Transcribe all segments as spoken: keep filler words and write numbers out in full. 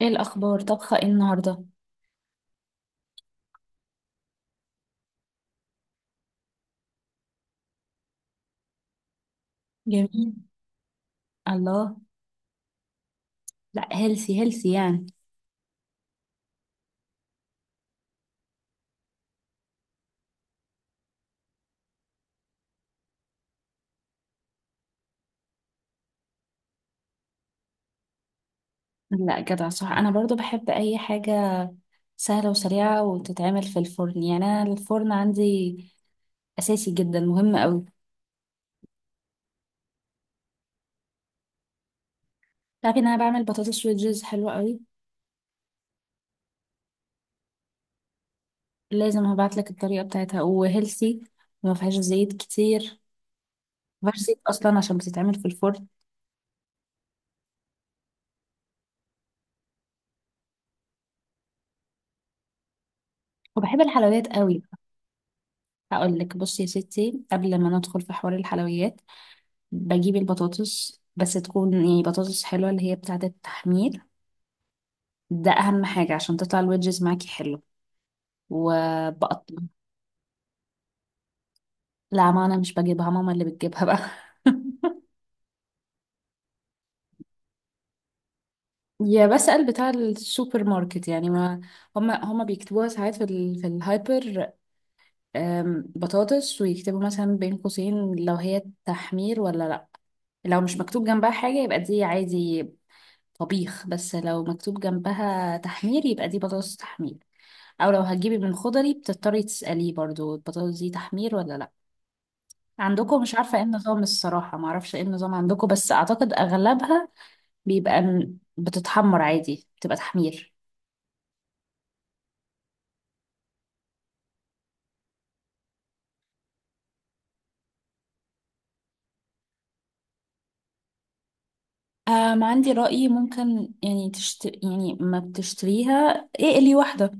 ايه الاخبار؟ طبخه ايه النهارده؟ جميل. الله. لا، هيلسي هيلسي يعني. لا، جدع، صح. انا برضو بحب اي حاجه سهله وسريعه وتتعمل في الفرن. يعني انا الفرن عندي اساسي جدا، مهم قوي. تعرفي ان انا بعمل بطاطس ويدجز حلوه قوي؟ لازم هبعت لك الطريقه بتاعتها، وهيلسي، وما فيهاش زيت كتير. ما فيهاش زيت اصلا عشان بتتعمل في الفرن. وبحب الحلويات قوي. هقول لك. بصي يا ستي، قبل ما ندخل في حوار الحلويات، بجيب البطاطس بس تكون يعني بطاطس حلوة، اللي هي بتاعة التحمير. ده أهم حاجة عشان تطلع الويدجز معاكي حلو. وبقطع. لا، ما أنا مش بجيبها، ماما اللي بتجيبها بقى. يا بسأل بتاع السوبر ماركت، يعني ما هما هما بيكتبوها ساعات في, ال... في الهايبر، أم، بطاطس، ويكتبوا مثلا بين قوسين لو هي تحمير ولا لأ. لو مش مكتوب جنبها حاجة يبقى دي عادي، طبيخ. بس لو مكتوب جنبها تحمير يبقى دي بطاطس تحمير. او لو هتجيبي من خضري، بتضطري تسأليه برضو، البطاطس دي تحمير ولا لا. عندكم، مش عارفة ايه النظام الصراحة، ما اعرفش ايه النظام عندكم، بس اعتقد اغلبها بيبقى م- بتتحمر عادي، بتبقى تحمير. آم عندي رأيي ممكن، يعني تشت... يعني ما بتشتريها، اقلي واحدة.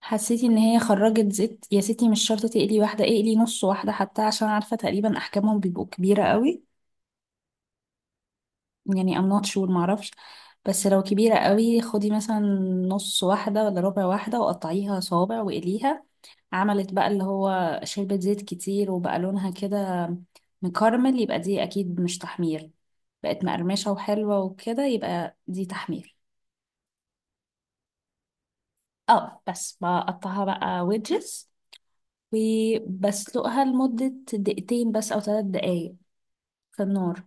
حسيتي ان هي خرجت زيت يا ستي، مش شرط تقلي واحدة، اقلي نص واحدة حتى، عشان عارفة تقريبا احجامهم بيبقوا كبيرة قوي. يعني I'm not sure، معرفش. بس لو كبيرة قوي، خدي مثلا نص واحدة ولا ربع واحدة، وقطعيها صوابع وقليها. عملت بقى اللي هو شربت زيت كتير وبقى لونها كده مكرمل، يبقى دي أكيد مش تحمير. بقت مقرمشة وحلوة وكده، يبقى دي تحمير. اه، بس بقطعها بقى ويدجز، وبسلقها لمدة دقيقتين بس أو ثلاث دقايق في النار.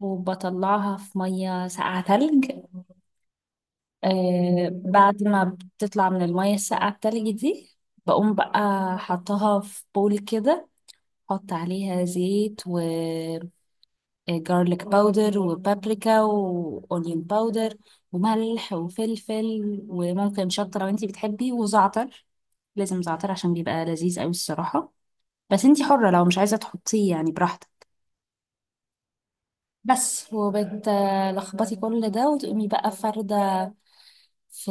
وبطلعها في مية ساقعة تلج. آه، بعد ما بتطلع من المية الساقعة التلج دي، بقوم بقى حطها في بول كده. حط عليها زيت وجارليك باودر وبابريكا وأونيون باودر وملح وفلفل وممكن شطة لو انتي بتحبي، وزعتر. لازم زعتر عشان بيبقى لذيذ قوي الصراحة. بس انتي حرة لو مش عايزة تحطيه، يعني براحتك. بس، وبتلخبطي كل ده وتقومي بقى فاردة في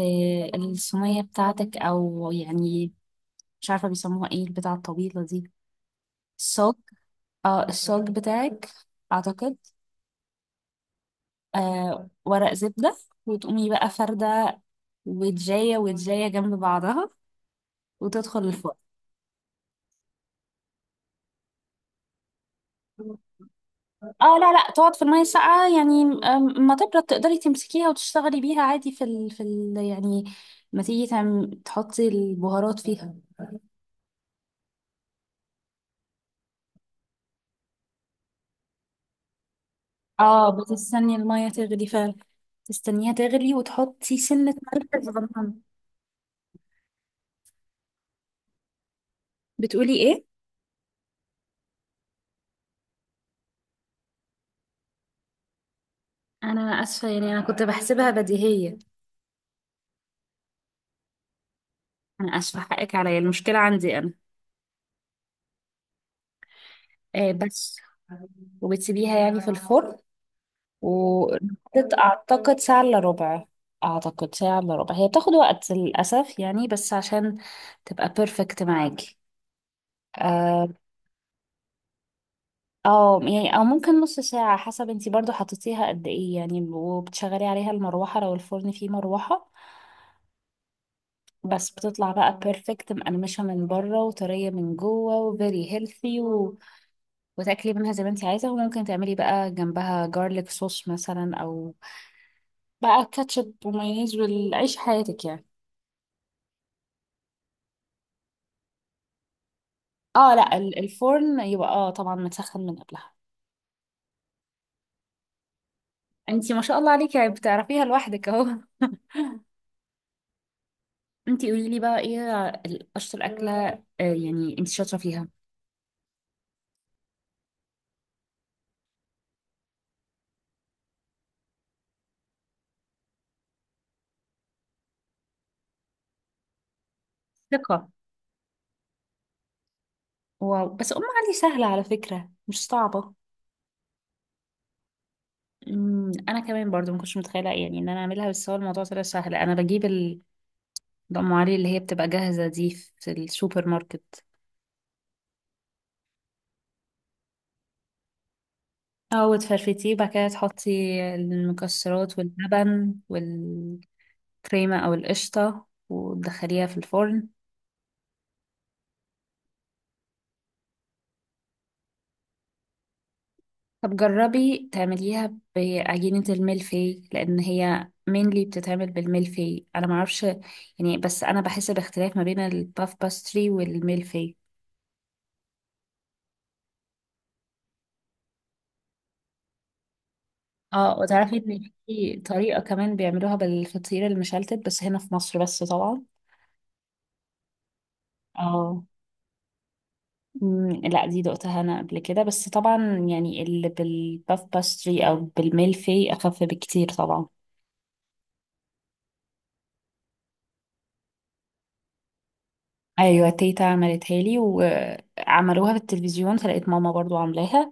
الصينية بتاعتك، أو يعني مش عارفة بيسموها ايه البتاعة الطويلة دي، الصاج. اه، الصاج بتاعك اعتقد. آه، ورق زبدة. وتقومي بقى فردة، ودجاية ودجاية جنب بعضها، وتدخل الفرن. اه لا لا، تقعد في المية الساقعة يعني، أم، ما تبرد تقدري تمسكيها وتشتغلي بيها عادي في ال... في ال... يعني ما تيجي تعم... تحطي البهارات فيها. اه، بتستني المية تغلي فعلا، تستنيها تغلي وتحطي سنة ملح صغننة. بتقولي ايه؟ انا اسفه، يعني انا كنت بحسبها بديهيه. انا اسفه، حقك عليا، المشكله عندي انا. آه، بس. وبتسيبيها يعني في الفرن، وحطت اعتقد ساعه الا ربع. اعتقد ساعه الا ربع، هي بتاخد وقت للاسف يعني، بس عشان تبقى بيرفكت معاكي. اه. أو يعني، او ممكن نص ساعه حسب انتي برضو حطيتيها قد ايه يعني، وبتشغلي عليها المروحه لو الفرن فيه مروحه. بس بتطلع بقى بيرفكت، مقرمشه من بره وطريه من جوه، وفيري هيلثي. وتاكلي منها زي ما انت عايزه، وممكن تعملي بقى جنبها جارليك صوص مثلا، او بقى كاتشب ومايونيز، والعيش حياتك يعني. اه لا، ال- الفرن يبقى اه طبعا متسخن من قبلها. انت ما شاء الله عليكي، يعني بتعرفيها لوحدك اهو. انت قولي لي بقى، ايه ال- اشطر اكله، آه، يعني انت شاطره فيها؟ ثقه. واو، بس ام علي سهله على فكره، مش صعبه. أمم، انا كمان برضو ما كنتش متخيله يعني ان انا اعملها، بس هو الموضوع طلع سهل. انا بجيب ال- ام علي اللي هي بتبقى جاهزه دي في السوبر ماركت. اه، وتفرفتيه بعد كده تحطي المكسرات واللبن والكريمة، أو القشطة، وتدخليها في الفرن. طب جربي تعمليها بعجينة الملفي، لأن هي mainly بتتعمل بالملفي، أنا معرفش يعني، بس أنا بحس باختلاف ما بين الباف باستري والملفي. اه، وتعرفي إن في طريقة كمان بيعملوها بالفطير المشلتت، بس هنا في مصر بس طبعا. اه. مم، لا، دي دقتها انا قبل كده بس طبعا، يعني اللي بالباف باستري او بالميلفي اخف بكتير طبعا. ايوه، تيتا عملتها لي وعملوها في التلفزيون، فلقيت ماما برضو عاملاها.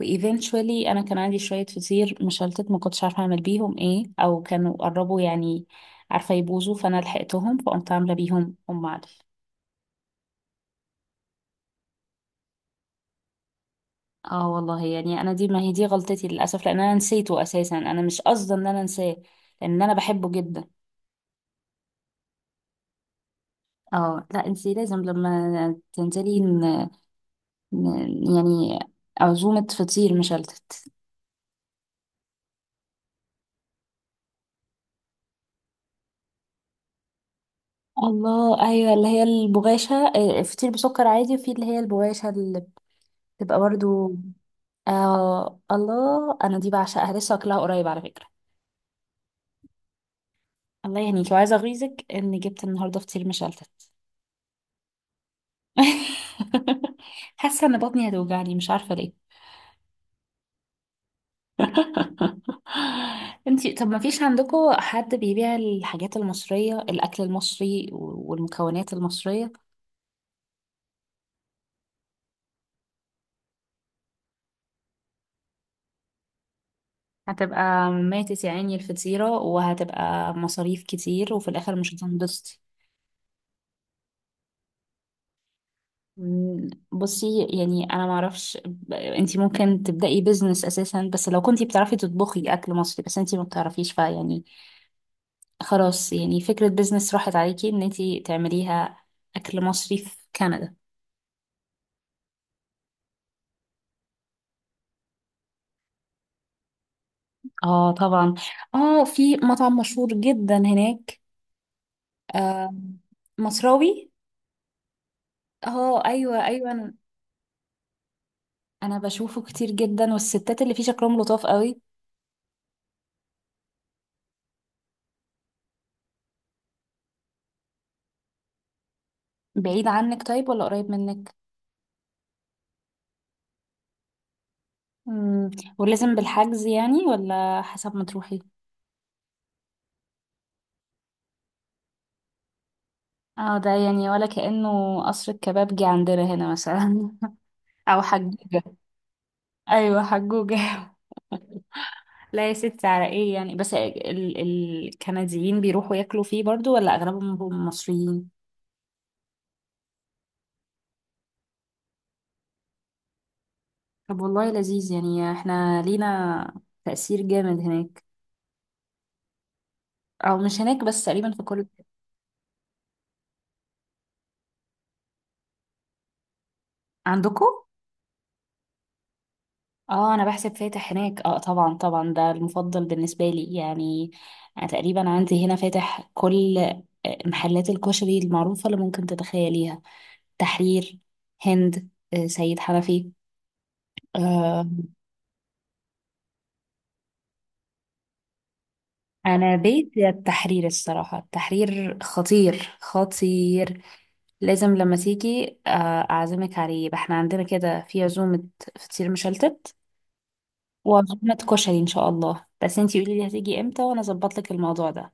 وايفينشولي، انا كان عندي شويه فطير مشلتت ما كنتش عارفه اعمل بيهم ايه، او كانوا قربوا يعني عارفه يبوظوا، فانا لحقتهم فقمت عامله بيهم ام علي. اه والله يعني، انا دي، ما هي دي غلطتي للاسف لان انا نسيته اساسا، انا مش قصدي ان انا انساه، لان انا بحبه جدا. اه لا، انتي لازم لما تنزلي ن... ن... يعني، عزومة فطير مشلتت. الله، ايوه، اللي هي البغاشة، آه، فطير بسكر عادي، وفي اللي هي البغاشة اللي بتبقى برضو. آه، الله، انا دي بعشقها، لسه واكلها قريب على فكرة. الله يهنيك، وعايزة اغيظك ان جبت النهاردة فطير مشلتت. حاسة ان بطني هتوجعني، مش عارفة ليه. انتي، طب ما فيش عندكم حد بيبيع الحاجات المصرية، الأكل المصري والمكونات المصرية؟ هتبقى ماتت يا عيني الفطيرة، وهتبقى مصاريف كتير وفي الآخر مش هتنبسطي. مم، بصي يعني، أنا معرفش ب- انتي ممكن تبدأي بيزنس أساسا، بس لو كنتي بتعرفي تطبخي أكل مصري، بس انتي ما بتعرفيش فيعني، خلاص يعني، فكرة بيزنس راحت عليكي إن انتي تعمليها، أكل مصري في كندا. اه طبعا. اه، في مطعم مشهور جدا هناك، آه مصراوي. اه ايوه ايوه، انا أنا بشوفه كتير جدا، والستات اللي فيه شكلهم لطاف قوي. بعيد عنك طيب ولا قريب منك؟ مم. ولازم بالحجز يعني ولا حسب ما تروحي؟ اه، ده يعني ولا كأنه قصر الكبابجي عندنا هنا مثلا. او حجوجة. ايوه، حجوجة. لا يا ستي، على ايه يعني، بس ال ال- الكنديين بيروحوا ياكلوا فيه برضو ولا اغلبهم مصريين؟ طب والله لذيذ يعني، احنا لينا تأثير جامد هناك. او مش هناك بس، تقريبا في كل عندكم. اه، انا بحسب فاتح هناك، اه طبعا طبعا، ده المفضل بالنسبة لي يعني. أنا تقريبا عندي هنا فاتح كل آه، محلات الكشري المعروفة اللي ممكن تتخيليها. تحرير، هند، آه، سيد حنفي. آه، انا بيت التحرير الصراحه، التحرير خطير خطير. لازم لما تيجي، آه، اعزمك عليه، يبقى احنا عندنا كده في عزومه فطير مشلتت وعزومه كشري ان شاء الله. بس انتي قولي لي هتيجي امتى وانا اظبط لك الموضوع ده.